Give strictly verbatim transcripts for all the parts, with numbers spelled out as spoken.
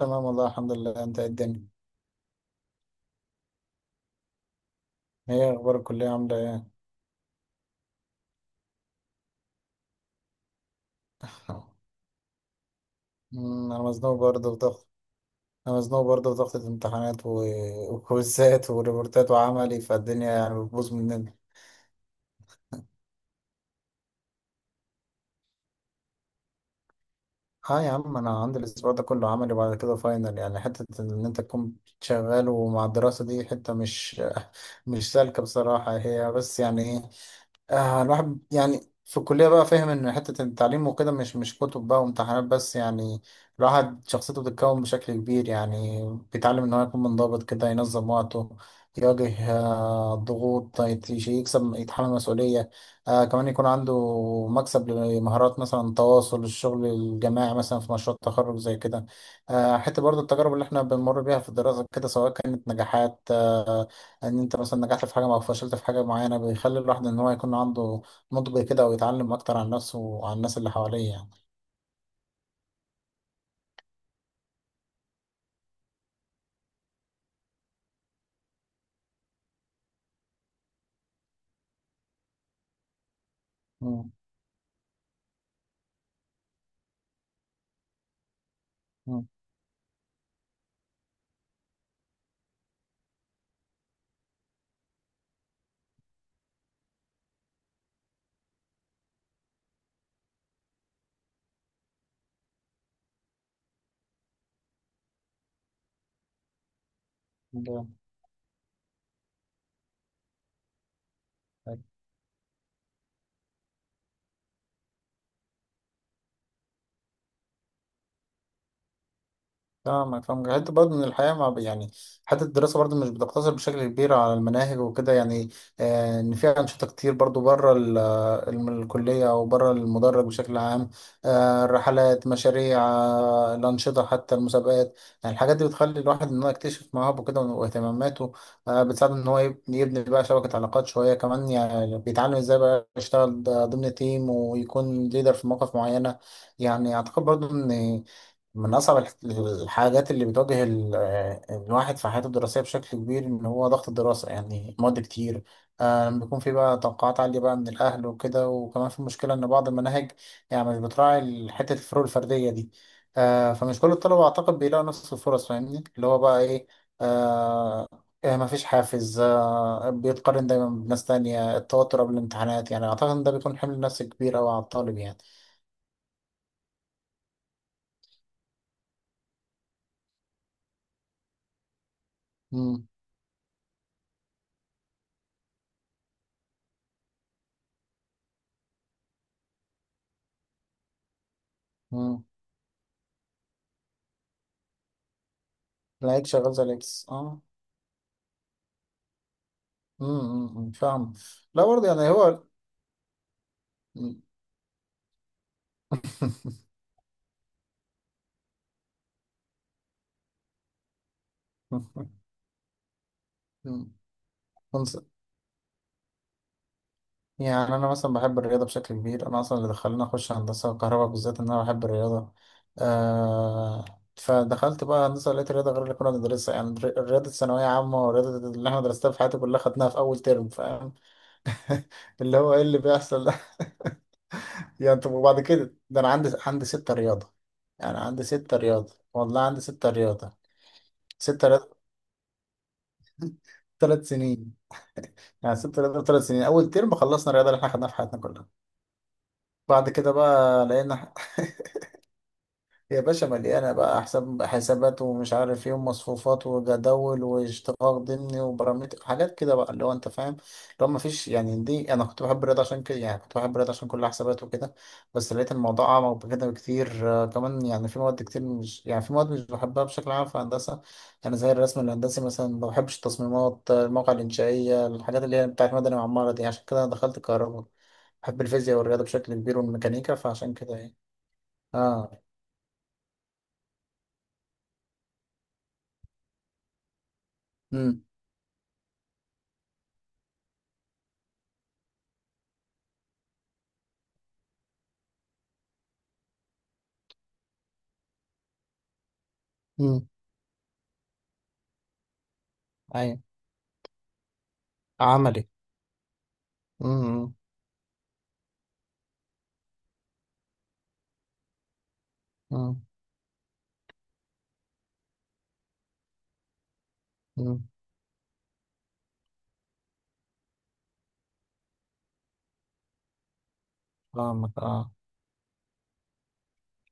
تمام، والله الحمد لله. انت ايه الدنيا؟ ايه اخبار الكلية، عاملة ايه؟ مم، انا مزنوق برضه في ضغط. انا مزنوق برضه في ضغط الامتحانات و- وكويزات وريبورتات وعملي، فالدنيا يعني بتبوظ مننا. اه يا عم، انا عندي الاسبوع ده كله عملي وبعد كده فاينل. يعني حتة ان انت تكون شغال، ومع الدراسة دي حتة مش مش سالكة بصراحة. هي بس يعني ايه؟ آه الواحد يعني في الكلية بقى فاهم إن حتة التعليم وكده مش مش كتب بقى وامتحانات بس، يعني... الواحد شخصيته بتتكون بشكل كبير، يعني بيتعلم إن هو يكون منضبط كده، ينظم وقته، يواجه آه الضغوط، يت- يكسب يتحمل مسؤولية. آه كمان يكون عنده مكسب لمهارات، مثلا تواصل، الشغل الجماعي مثلا في مشروع التخرج زي كده. آه حتى برضو، التجارب اللي احنا بنمر بيها في الدراسة كده، سواء كانت نجاحات، آه، ان انت مثلا نجحت في حاجه او فشلت في حاجه معينه، بيخلي الواحد ان هو يكون عنده نضج كده، ويتعلم اكتر عن نفسه وعن الناس اللي حواليه، يعني... مم. مم. جامد. فاهمك، فاهمك. حتى برضه من الحياة، مع يعني... حتى الدراسة برضه مش بتقتصر بشكل كبير على المناهج وكده، يعني... آه، إن في أنشطة كتير برضه بره ال- آه، الم- الكلية أو بره المدرج بشكل عام. آه، الرحلات، مشاريع، آه، الأنشطة، حتى المسابقات. يعني الحاجات دي بتخلي الواحد إن هو يكتشف مواهبه كده واهتماماته. آه، بتساعده إن هو يب- يبني بقى شبكة علاقات شوية كمان. يعني بيتعلم إزاي بقى يشتغل ضمن تيم ويكون ليدر في مواقف معينة. يعني أعتقد برضه إن من أصعب الح- الحاجات اللي بتواجه ال- آه، الواحد في حياته الدراسية بشكل كبير، إن هو ضغط الدراسة، يعني مواد كتير. آه، بيكون في بقى توقعات عالية بقى من الأهل وكده، وكمان في مشكلة إن بعض المناهج يعني مش بتراعي ال- حتة الفروق الفردية دي. آه، فمش كل الطلبة أعتقد بيلاقوا نفس الفرص. فاهمني اللي هو بقى إيه؟ آه، آه، مفيش حافز، آه، بيتقارن دايما بناس تانية، التوتر قبل الامتحانات. يعني أعتقد إن ده بيكون حمل نفسي كبير أوي على الطالب، يعني... مم. مم. لا، اكس شغال زي الاكس، اه. امم فاهم. لا برضه، يعني هو... مم. بص، يعني انا مثلا بحب الرياضه بشكل كبير. انا اصلا اللي دخلني اخش هندسه وكهرباء بالذات ان انا بحب الرياضه. آه فدخلت بقى هندسه، لقيت الرياضه غير اللي كنا بندرسها. يعني الر- الرياضه الثانويه عامه والرياضه اللي احنا درستها في حياتي كلها خدناها في اول ترم، فاهم؟ اللي هو ايه اللي بيحصل ده؟ يعني طب، وبعد كده ده انا عندي عندي ستة رياضه. يعني عندي ستة رياضه، والله عندي ستة رياضه. ستة رياضه ثلاث سنين. يعني سبت رياضة ثلاث سنين، أول ترم خلصنا الرياضة اللي احنا خدناها في حياتنا كلها. بعد كده بقى لقينا. يا باشا، مليانة بقى حساب، حسابات ومش عارف ايه، ومصفوفات وجداول واشتقاق ضمني وبرامتر، حاجات كده بقى، اللي هو انت فاهم. اللي هو مفيش يعني، دي انا كنت بحب الرياضة عشان كده، يعني كنت بحب الرياضة عشان كل حسابات وكده. بس لقيت الموضوع أعمق بكده بكتير. آه، كمان يعني في مواد كتير، مش، يعني في مواد مش بحبها بشكل عام في هندسة. يعني زي الرسم الهندسي مثلا، ما بحبش التصميمات، آه، المواقع الإنشائية، الحاجات اللي هي بتاعت مدني وعمارة دي. عشان كده أنا دخلت كهرباء. بحب الفيزياء والرياضة بشكل كبير، والميكانيكا، فعشان كده، يعني... اه. امم. اي. عملي. امم. امم. امم. إمم. فاهمك، اه.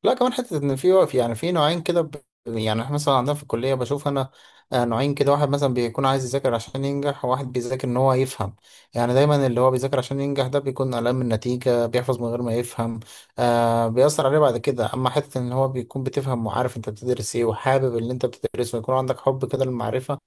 لا، كمان حته ان في وقف. يعني في نوعين كده ب... يعني احنا مثلا عندنا في الكليه بشوف انا آه، نوعين كده. واحد مثلا بيكون عايز يذاكر عشان ينجح، وواحد بيذاكر ان هو يفهم. يعني دايما، اللي هو بيذاكر عشان ينجح ده بيكون قلقان من النتيجه، بيحفظ من غير ما يفهم. آه بيأثر عليه بعد كده. اما حته ان هو بيكون بتفهم وعارف انت بتدرس ايه، وحابب اللي انت بتدرسه، ويكون عندك حب كده للمعرفه.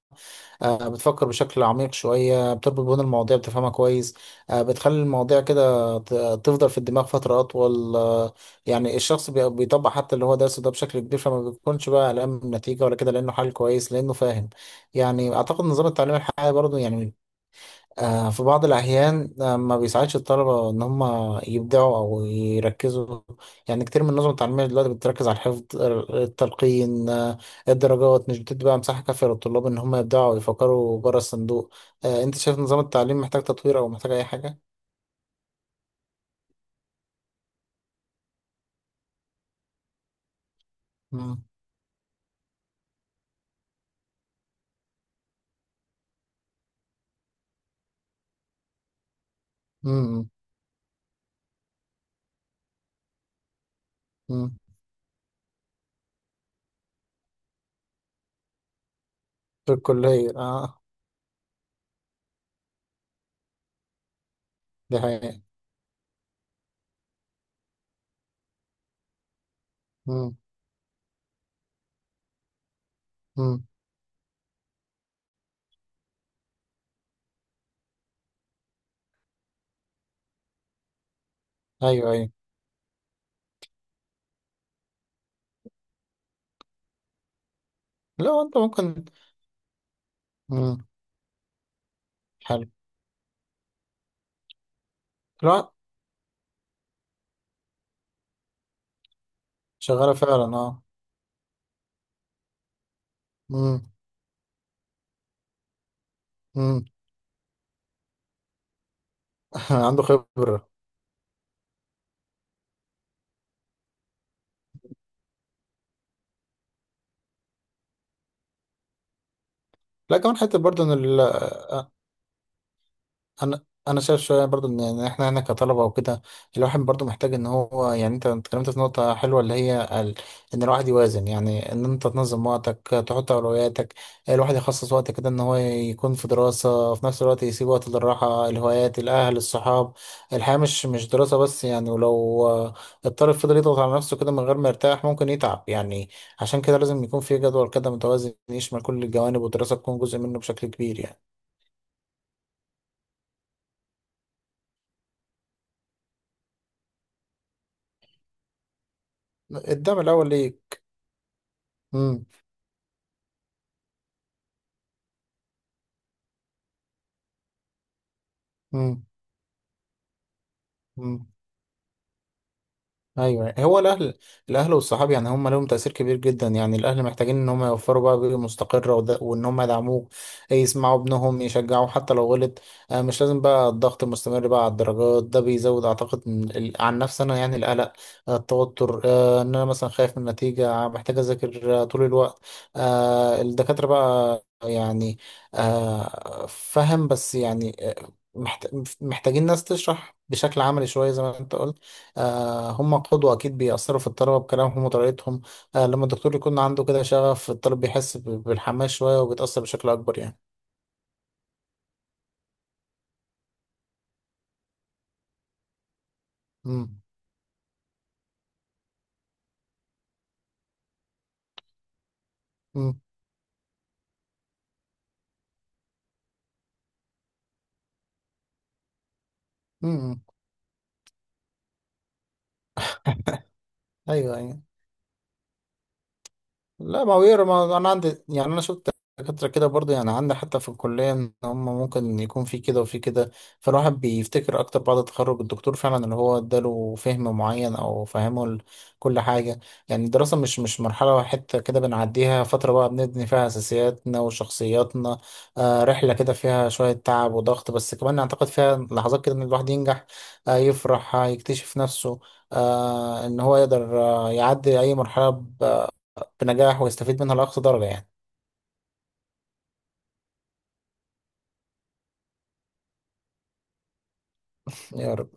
آه، بتفكر بشكل عميق شوية، بتربط بين المواضيع، بتفهمها كويس. آه، بتخلي المواضيع كده ت- تفضل في الدماغ فترة أطول. آه، يعني الشخص بي- بيطبق حتى اللي هو درسه ده بشكل كبير. فما بيكونش بقى قلقان من النتيجة ولا كده، لأنه حل كويس، لأنه فاهم. يعني أعتقد نظام التعليم الحالي برضه، يعني آه، في بعض الأحيان آه، ما بيساعدش الطلبة إن هم يبدعوا أو يركزوا. يعني كتير من النظم التعليمية دلوقتي بتركز على الحفظ، آه، التلقين، آه، الدرجات مش بتدي بقى مساحة كافية للطلاب إن هم يبدعوا ويفكروا بره الصندوق. آه، أنت شايف نظام التعليم محتاج تطوير أو محتاج أي حاجة؟ مم. مم. مم. في الكلية، أه. دي حقيقة. مم. مم. أيوه، أيوه. لا، أنت ممكن. مم. حلو. لا، شغالة فعلا، أه. مم. مم. عنده خبرة. لا، كمان حتى برضه ان ال- انا انا شايف شويه برضه ان إن احنا هنا كطلبه وكده. الواحد برضه محتاج ان هو، يعني انت اتكلمت في نقطه حلوه اللي هي ال... ان الواحد يوازن، يعني ان انت تنظم وقتك، تحط اولوياتك. الواحد يخصص وقت كده ان هو يكون في دراسه، في نفس الوقت يسيب وقت للراحه، الهوايات، الاهل، الصحاب. الحياه مش مش دراسه بس يعني، ولو الطالب فضل يضغط على نفسه كده من غير ما يرتاح ممكن يتعب، يعني... عشان كده لازم يكون في جدول كده متوازن يشمل كل الجوانب، والدراسه تكون جزء منه بشكل كبير، يعني... الدم الأول ليه؟ مم. مم. مم. ايوه، هو الاهل. الاهل والصحاب يعني هم لهم تاثير كبير جدا. يعني الاهل محتاجين ان هم يوفروا بقى بيئه مستقره وده، وان هم يدعموك، يسمعوا ابنهم، يشجعوه حتى لو غلط. آه، مش لازم بقى الضغط المستمر بقى على الدرجات، ده بيزود اعتقد من ال- عن نفسي انا، يعني القلق، آه، التوتر، آه، ان انا مثلا خايف من النتيجه، آه، محتاج اذاكر آه، طول الوقت. آه، الدكاتره بقى، يعني آه، فهم بس، يعني آه، محت- محتاجين ناس تشرح بشكل عملي شويه زي ما انت قلت. آه، هم قدوة أكيد، بيأثروا في الطلبة بكلامهم وطريقتهم. آه، لما الدكتور يكون عنده كده شغف، الطالب بيحس ب- بالحماس شوية، وبيتأثر بشكل أكبر، يعني... مم. مم. مم. أيوه، أيوه. لا، ما هو يقرا، ما انا عندي. يعني انا شفت دكاترة كده برضه، يعني عندي حتى في الكلية، ان هم ممكن يكون في كده وفي كده. فالواحد بيفتكر اكتر بعد التخرج الدكتور فعلا اللي هو اداله فهم معين، او فهمه ال- كل حاجة. يعني الدراسة مش مش مرحلة واحدة كده بنعديها، فترة بقى بنبني فيها اساسياتنا وشخصياتنا. آه رحلة كده فيها شوية تعب وضغط، بس كمان اعتقد فيها لحظات كده ان الواحد ينجح، آه يفرح، آه يكتشف نفسه، آه ان هو يقدر آه يعدي اي مرحلة بنجاح ويستفيد منها لأقصى درجة، يعني... يا رب.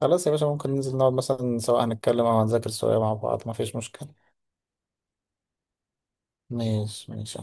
خلاص يا باشا، ممكن ننزل نقعد مثلا، سواء هنتكلم أو هنذاكر سوا مع بعض، مفيش مشكلة. ماشي، ماشي.